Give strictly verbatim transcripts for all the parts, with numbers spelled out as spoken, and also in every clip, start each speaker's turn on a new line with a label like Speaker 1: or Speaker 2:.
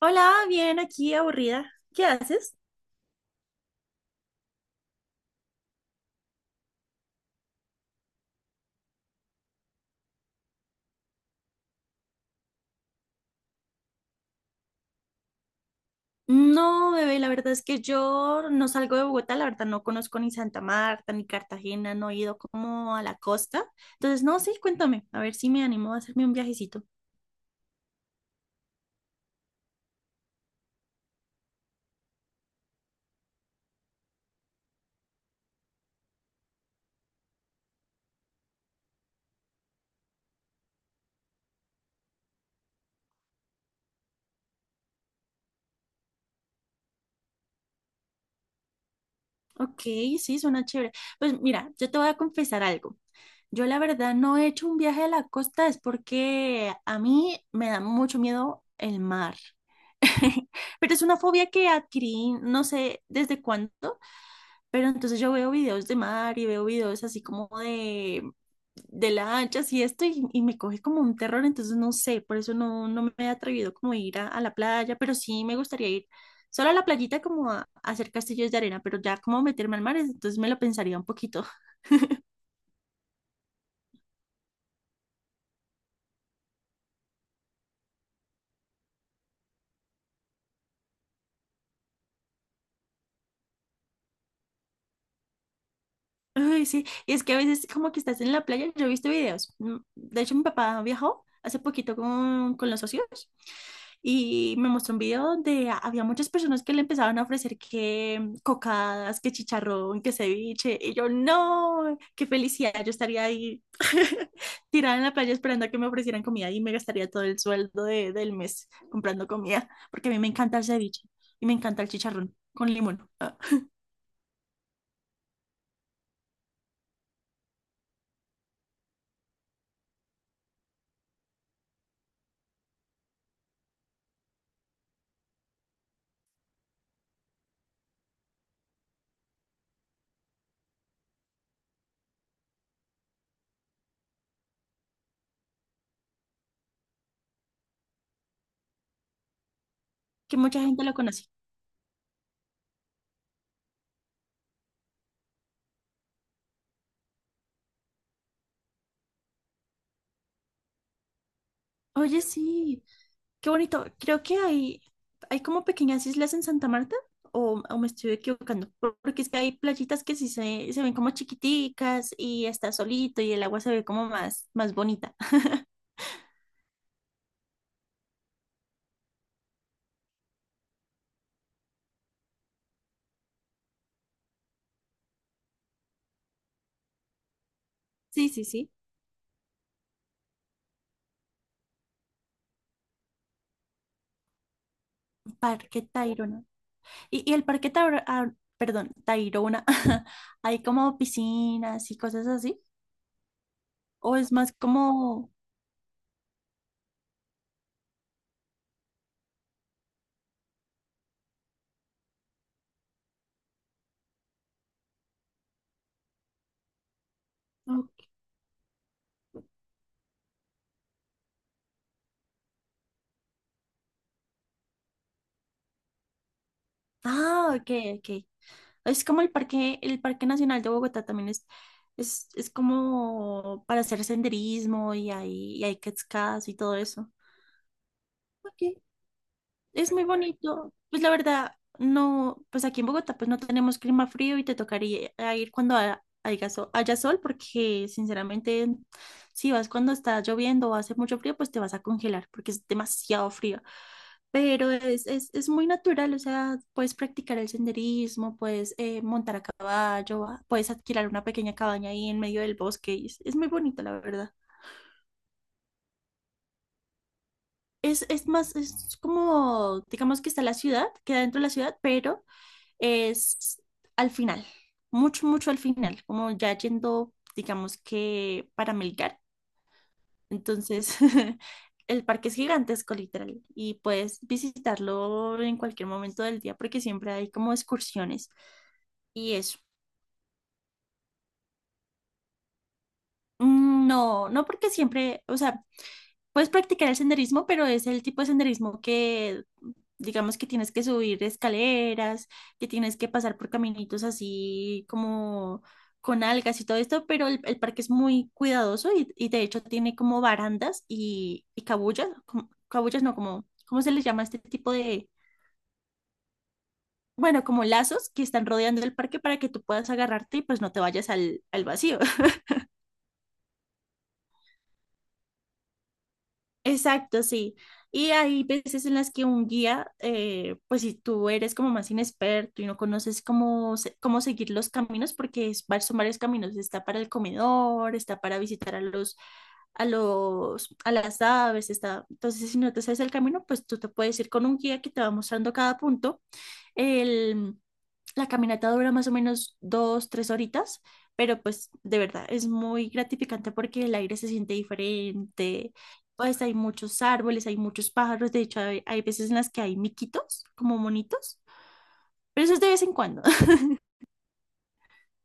Speaker 1: Hola, bien, aquí aburrida. ¿Qué haces? No, bebé, la verdad es que yo no salgo de Bogotá, la verdad no conozco ni Santa Marta ni Cartagena, no he ido como a la costa. Entonces, no, sí, cuéntame, a ver si me animo a hacerme un viajecito. Ok, sí, suena chévere. Pues mira, yo te voy a confesar algo. Yo la verdad no he hecho un viaje a la costa, es porque a mí me da mucho miedo el mar. Pero es una fobia que adquirí, no sé desde cuándo. Pero entonces yo veo videos de mar y veo videos así como de, de lanchas y esto y, y me coge como un terror, entonces no sé, por eso no, no me he atrevido como a ir a, a la playa, pero sí me gustaría ir solo a la playita como a, a hacer castillos de arena, pero ya como meterme al mar, entonces me lo pensaría un poquito. Ay, sí, y es que a veces como que estás en la playa, yo he visto videos. mm, De hecho, mi papá viajó hace poquito con, con los socios y me mostró un video donde a- había muchas personas que le empezaban a ofrecer que mm, cocadas, que chicharrón, que ceviche, y yo, no, qué felicidad, yo estaría ahí tirada en la playa esperando a que me ofrecieran comida y me gastaría todo el sueldo de- del mes comprando comida, porque a mí me encanta el ceviche y me encanta el chicharrón con limón, ah, que mucha gente lo conoce. Oye, sí. Qué bonito. Creo que hay, hay como pequeñas islas en Santa Marta, o, o me estoy equivocando, porque es que hay playitas que sí se, se ven como chiquiticas y está solito y el agua se ve como más, más bonita. Sí, sí, sí. Parque Tayrona. Y, y el Parque Tayrona, perdón, Tayrona, hay como piscinas y cosas así, o es más como... Ok. Ah, ok, ok. Es como el parque, el Parque Nacional de Bogotá también es, es, es como para hacer senderismo y hay, y hay cascadas y todo eso. Ok. Es muy bonito. Pues la verdad, no, pues aquí en Bogotá pues no tenemos clima frío y te tocaría ir cuando ha- haya sol, haya sol porque sinceramente si vas cuando está lloviendo o hace mucho frío pues te vas a congelar porque es demasiado frío. Pero es, es, es muy natural, o sea, puedes practicar el senderismo, puedes eh, montar a caballo, ah, puedes adquirir una pequeña cabaña ahí en medio del bosque. Y Es, es muy bonito, la verdad. Es, es más, es como, digamos que está la ciudad, queda dentro de la ciudad, pero es al final, mucho, mucho al final, como ya yendo, digamos que para Melgar. Entonces, el parque es gigantesco, literal, y puedes visitarlo en cualquier momento del día porque siempre hay como excursiones y es. Mm, no, no porque siempre, o sea, puedes practicar el senderismo, pero es el tipo de senderismo que, digamos que tienes que subir escaleras, que tienes que pasar por caminitos así como con algas y todo esto, pero el, el parque es muy cuidadoso y, y de hecho tiene como barandas y, y cabullas, como- cabullas no, como, ¿cómo se les llama este tipo de, bueno, como lazos que están rodeando el parque para que tú puedas agarrarte y pues no te vayas al, al vacío. Exacto, sí. Y hay veces en las que un guía, eh, pues si tú eres como más inexperto y no conoces cómo, se- cómo seguir los caminos, porque es, va- son varios caminos, está para el comedor, está para visitar a los, a los, a las aves, está. Entonces, si no te sabes el camino, pues tú te puedes ir con un guía que te va mostrando cada punto el, la caminata dura más o menos dos, tres horitas, pero pues de verdad es muy gratificante porque el aire se siente diferente. Pues hay muchos árboles, hay muchos pájaros, de hecho hay, hay veces en las que hay miquitos, como monitos, pero eso es de vez en cuando.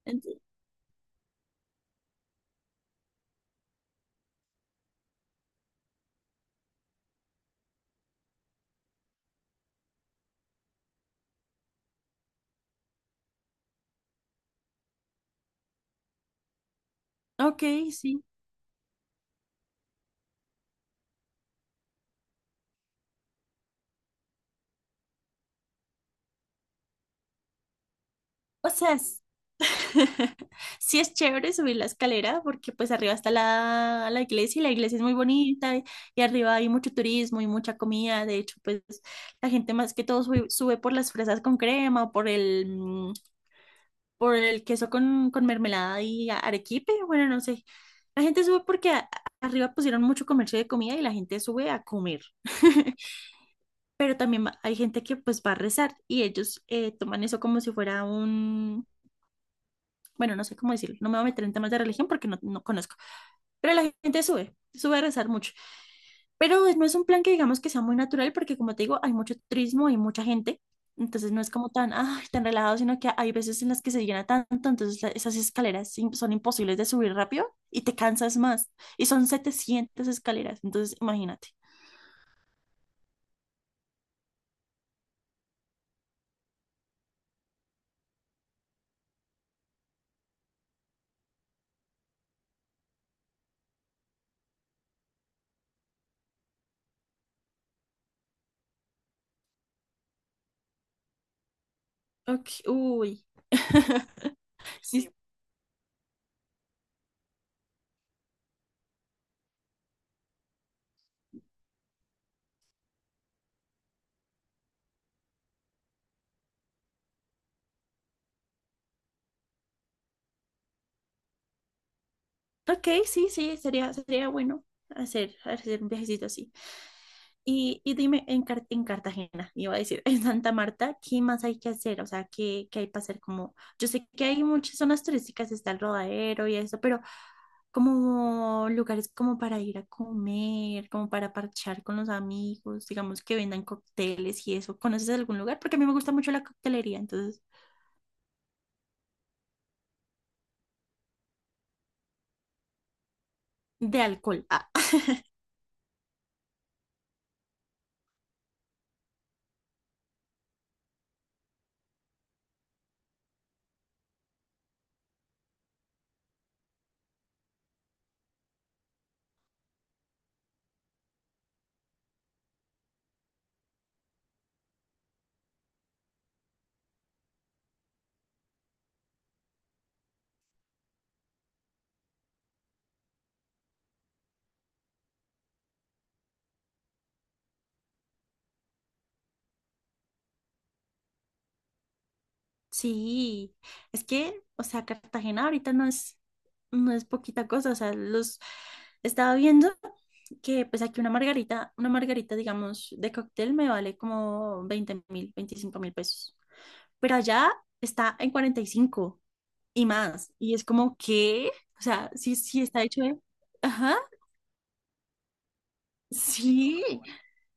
Speaker 1: Ent- Ok, sí. O sea, es- sí es chévere subir la escalera porque pues arriba está la, la iglesia y la iglesia es muy bonita y, y arriba hay mucho turismo y mucha comida. De hecho, pues la gente más que todo sube, sube por las fresas con crema o por el, mm, por el queso con, con mermelada y a- arequipe. Bueno, no sé. La gente sube porque a- a- arriba pusieron mucho comercio de comida y la gente sube a comer. Pero también va- hay gente que pues va a rezar y ellos eh, toman eso como si fuera un bueno, no sé cómo decirlo, no me voy a meter en temas de religión porque no, no conozco, pero la gente sube, sube a rezar mucho. Pero no es un plan que digamos que sea muy natural porque como te digo, hay mucho turismo, hay mucha gente, entonces no es como tan, ay, tan relajado, sino que hay veces en las que se llena tanto, entonces la- esas escaleras im- son imposibles de subir rápido y te cansas más. Y son setecientas escaleras, entonces imagínate. Ok, uy. Sí, ok, sí, sí, sería, sería bueno hacer, hacer un viajecito así. Y, y dime, en, Car- en Cartagena, iba a decir, en Santa Marta, ¿qué más hay que hacer? O sea, ¿qué, qué hay para hacer? Como, yo sé que hay muchas zonas turísticas, está el Rodadero y eso, pero como lugares como para ir a comer, como para parchar con los amigos, digamos que vendan cócteles y eso. ¿Conoces algún lugar? Porque a mí me gusta mucho la coctelería, entonces, de alcohol. Ah, sí, es que, o sea, Cartagena ahorita no es, no es poquita cosa, o sea, los estaba viendo que pues aquí una margarita, una margarita, digamos, de cóctel me vale como veinte mil, veinticinco mil pesos, pero allá está en cuarenta y cinco y más, y es como que, o sea, sí, sí está hecho de, ajá, sí.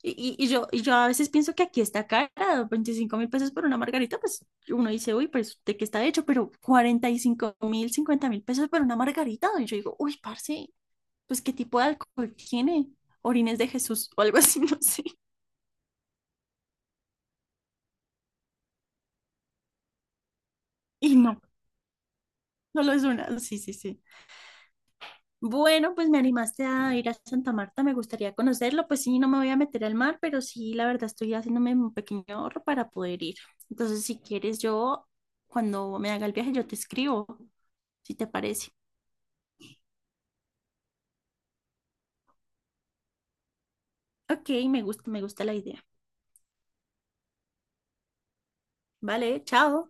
Speaker 1: Y, y- y yo, y yo a veces pienso que aquí está cara, veinticinco mil pesos por una margarita, pues uno dice, uy, pues de qué está hecho, pero cuarenta y cinco mil, cincuenta mil pesos por una margarita. Y yo digo, uy, parce, pues qué tipo de alcohol tiene, orines de Jesús o algo así, no sé. Y no, no lo es una, sí, sí, sí. Bueno, pues me animaste a ir a Santa Marta, me gustaría conocerlo. Pues sí, no me voy a meter al mar, pero sí, la verdad estoy haciéndome un pequeño ahorro para poder ir. Entonces, si quieres, yo cuando me haga el viaje, yo te escribo, si te parece. Ok, me gusta, me gusta la idea. Vale, chao.